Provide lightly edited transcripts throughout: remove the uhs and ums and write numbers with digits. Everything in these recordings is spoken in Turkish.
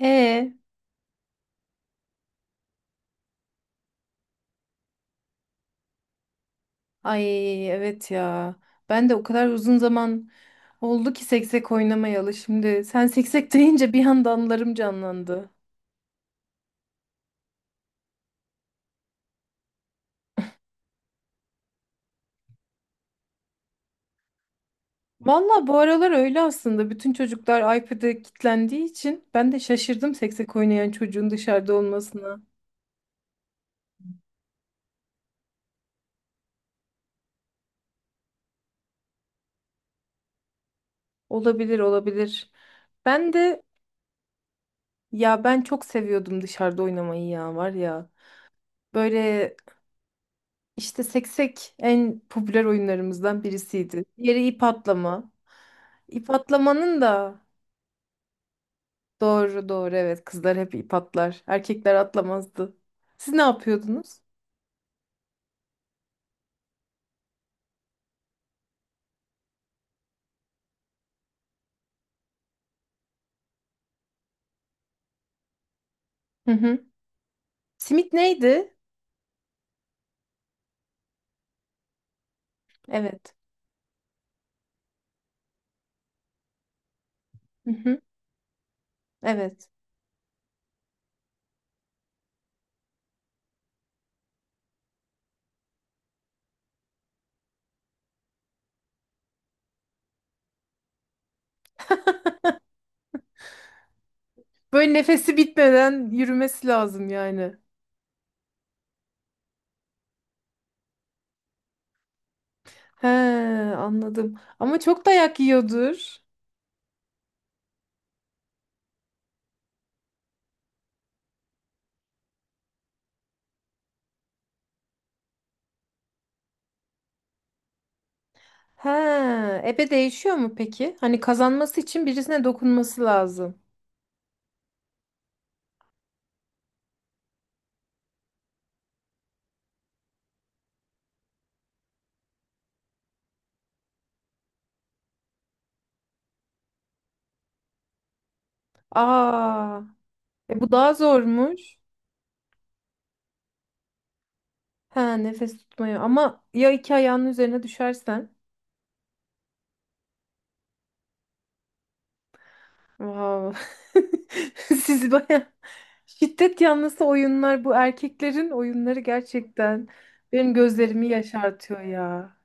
Ee, ay evet ya. Ben de o kadar uzun zaman oldu ki seksek oynamayalı şimdi. Sen seksek deyince bir anda anılarım canlandı. Valla bu aralar öyle aslında. Bütün çocuklar iPad'e kilitlendiği için ben de şaşırdım seksek oynayan çocuğun dışarıda olmasına. Olabilir, olabilir. Ben de ya ben çok seviyordum dışarıda oynamayı ya var ya. Böyle İşte seksek en popüler oyunlarımızdan birisiydi. Diğeri ip atlama. İp atlamanın da doğru doğru, evet, kızlar hep ip atlar. Erkekler atlamazdı. Siz ne yapıyordunuz? Hı hı. Simit neydi? Evet. Hı hı. Evet. Böyle nefesi bitmeden yürümesi lazım yani. He, anladım. Ama çok dayak yiyordur. He, ebe değişiyor mu peki? Hani kazanması için birisine dokunması lazım. Aa, bu daha zormuş. Ha nefes tutmayı. Ama ya iki ayağının üzerine düşersen? Wow. Siz baya şiddet yanlısı oyunlar, bu erkeklerin oyunları gerçekten benim gözlerimi yaşartıyor ya.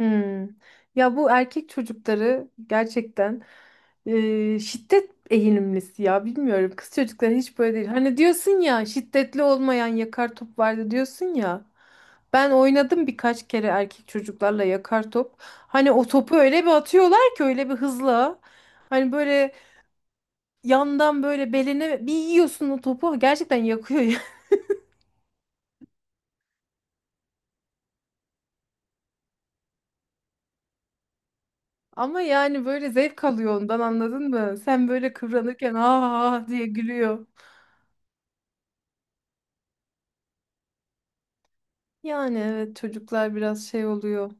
Hmm. Ya bu erkek çocukları gerçekten şiddet eğilimlisi ya, bilmiyorum. Kız çocukları hiç böyle değil. Hani diyorsun ya, şiddetli olmayan yakar top vardı diyorsun ya. Ben oynadım birkaç kere erkek çocuklarla yakar top. Hani o topu öyle bir atıyorlar ki, öyle bir hızla. Hani böyle yandan böyle beline bir yiyorsun o topu, gerçekten yakıyor ya. Ama yani böyle zevk alıyor ondan, anladın mı? Sen böyle kıvranırken ha ha diye gülüyor. Yani evet, çocuklar biraz şey oluyor.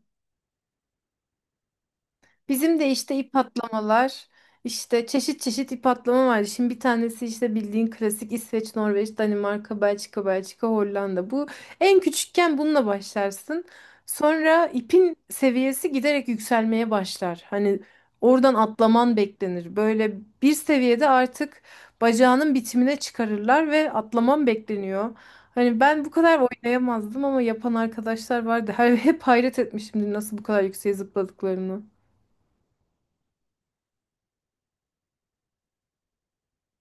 Bizim de işte ip atlamalar, işte çeşit çeşit ip atlama var. Şimdi bir tanesi işte bildiğin klasik İsveç, Norveç, Danimarka, Belçika, Belçika, Hollanda. Bu en küçükken bununla başlarsın. Sonra ipin seviyesi giderek yükselmeye başlar. Hani oradan atlaman beklenir. Böyle bir seviyede artık bacağının bitimine çıkarırlar ve atlaman bekleniyor. Hani ben bu kadar oynayamazdım ama yapan arkadaşlar vardı. Hep hayret etmişimdir nasıl bu kadar yükseğe zıpladıklarını.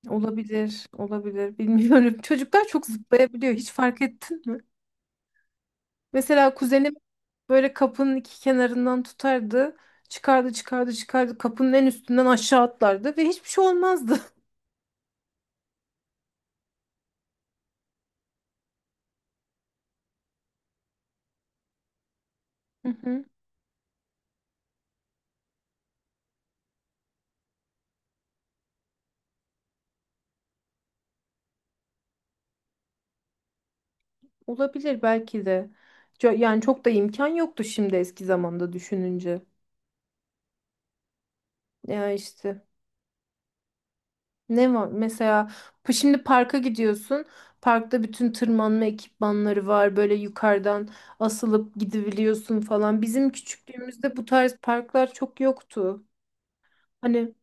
Olabilir, olabilir. Bilmiyorum. Çocuklar çok zıplayabiliyor. Hiç fark ettin mi? Mesela kuzenim böyle kapının iki kenarından tutardı. Çıkardı, çıkardı, çıkardı. Kapının en üstünden aşağı atlardı ve hiçbir şey olmazdı. Hı hı. Olabilir belki de. Yani çok da imkan yoktu şimdi eski zamanda düşününce. Ya işte. Ne var? Mesela şimdi parka gidiyorsun. Parkta bütün tırmanma ekipmanları var. Böyle yukarıdan asılıp gidebiliyorsun falan. Bizim küçüklüğümüzde bu tarz parklar çok yoktu. Hani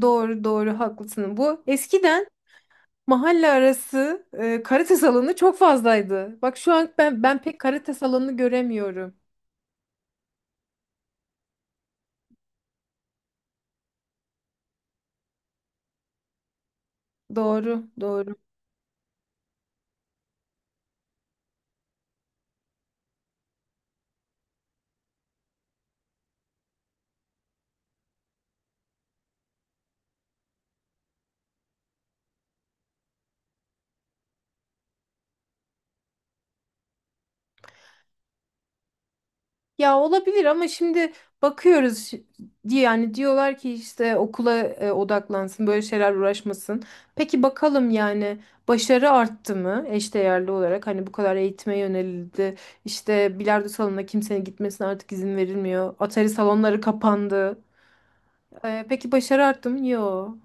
doğru doğru haklısın. Bu eskiden mahalle arası karate salonu çok fazlaydı. Bak şu an ben pek karate salonu göremiyorum. Doğru, doğru. Ya olabilir ama şimdi bakıyoruz diye, yani diyorlar ki işte okula odaklansın, böyle şeyler uğraşmasın. Peki bakalım yani, başarı arttı mı eşdeğerli olarak? Hani bu kadar eğitime yönelildi. İşte bilardo salonuna kimsenin gitmesine artık izin verilmiyor. Atari salonları kapandı. Peki başarı arttı mı? Yok.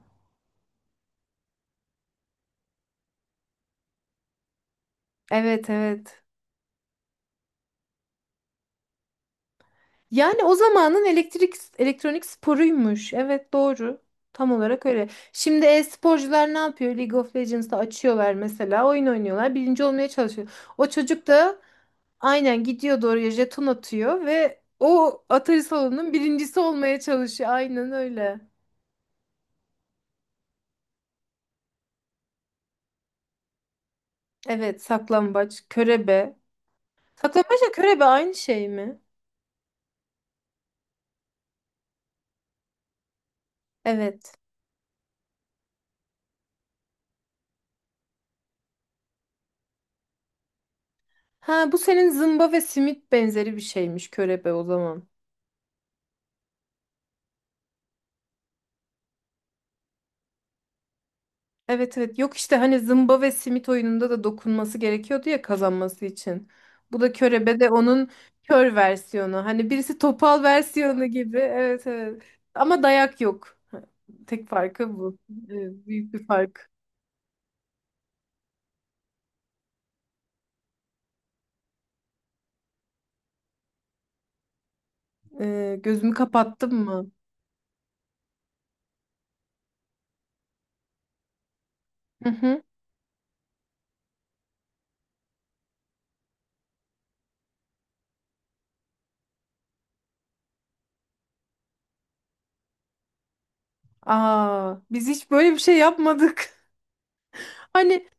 Evet, evet. Yani o zamanın elektrik elektronik sporuymuş. Evet, doğru. Tam olarak öyle. Şimdi e-sporcular ne yapıyor? League of Legends'ta açıyorlar mesela. Oyun oynuyorlar. Birinci olmaya çalışıyor. O çocuk da aynen gidiyor doğruya jeton atıyor ve o Atari salonunun birincisi olmaya çalışıyor. Aynen öyle. Evet, saklambaç, körebe. Saklambaçla körebe aynı şey mi? Evet. Ha bu senin zımba ve simit benzeri bir şeymiş körebe o zaman. Evet, evet, yok işte hani zımba ve simit oyununda da dokunması gerekiyordu ya kazanması için. Bu da körebe de onun kör versiyonu. Hani birisi topal versiyonu gibi. Evet, evet. Ama dayak yok. Tek farkı bu. Evet, büyük bir fark. Gözümü kapattım mı? Hı hı. Aa, biz hiç böyle bir şey yapmadık. Hani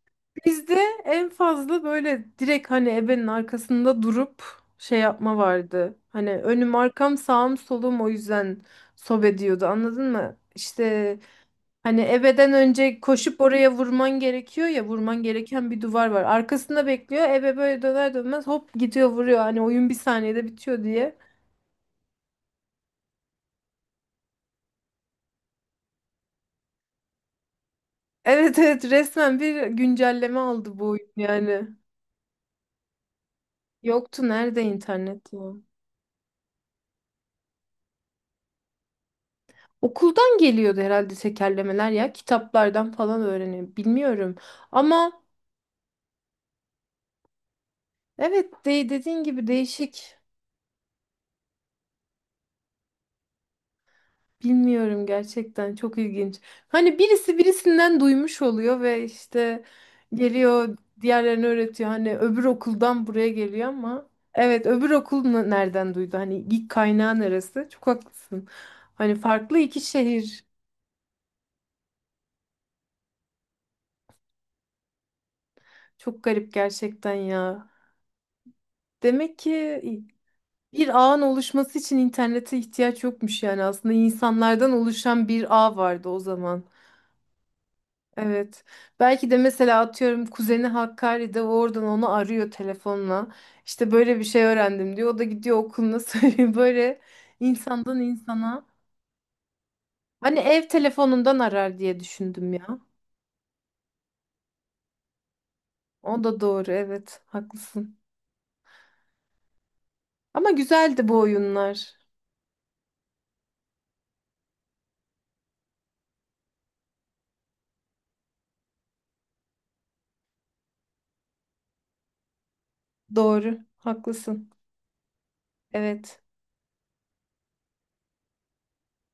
bizde en fazla böyle direkt hani ebenin arkasında durup şey yapma vardı. Hani önüm arkam sağım solum o yüzden sob ediyordu, anladın mı? İşte hani ebeden önce koşup oraya vurman gerekiyor ya, vurman gereken bir duvar var. Arkasında bekliyor ebe, böyle döner dönmez hop gidiyor vuruyor, hani oyun bir saniyede bitiyor diye. Evet, evet, resmen bir güncelleme aldı bu oyun yani. Yoktu, nerede internet ya? Okuldan geliyordu herhalde tekerlemeler ya. Kitaplardan falan öğreniyor. Bilmiyorum. Ama evet, de dediğin gibi değişik. Bilmiyorum, gerçekten çok ilginç. Hani birisi birisinden duymuş oluyor ve işte geliyor diğerlerine öğretiyor. Hani öbür okuldan buraya geliyor, ama evet öbür okul nereden duydu? Hani ilk kaynağı neresi? Çok haklısın. Hani farklı iki şehir. Çok garip gerçekten ya. Demek ki bir ağın oluşması için internete ihtiyaç yokmuş, yani aslında insanlardan oluşan bir ağ vardı o zaman. Evet. Belki de mesela atıyorum kuzeni Hakkari'de, o oradan onu arıyor telefonla. İşte böyle bir şey öğrendim diyor. O da gidiyor okuluna söylüyor. Böyle insandan insana. Hani ev telefonundan arar diye düşündüm ya. O da doğru, evet haklısın. Ama güzeldi bu oyunlar. Doğru haklısın. Evet.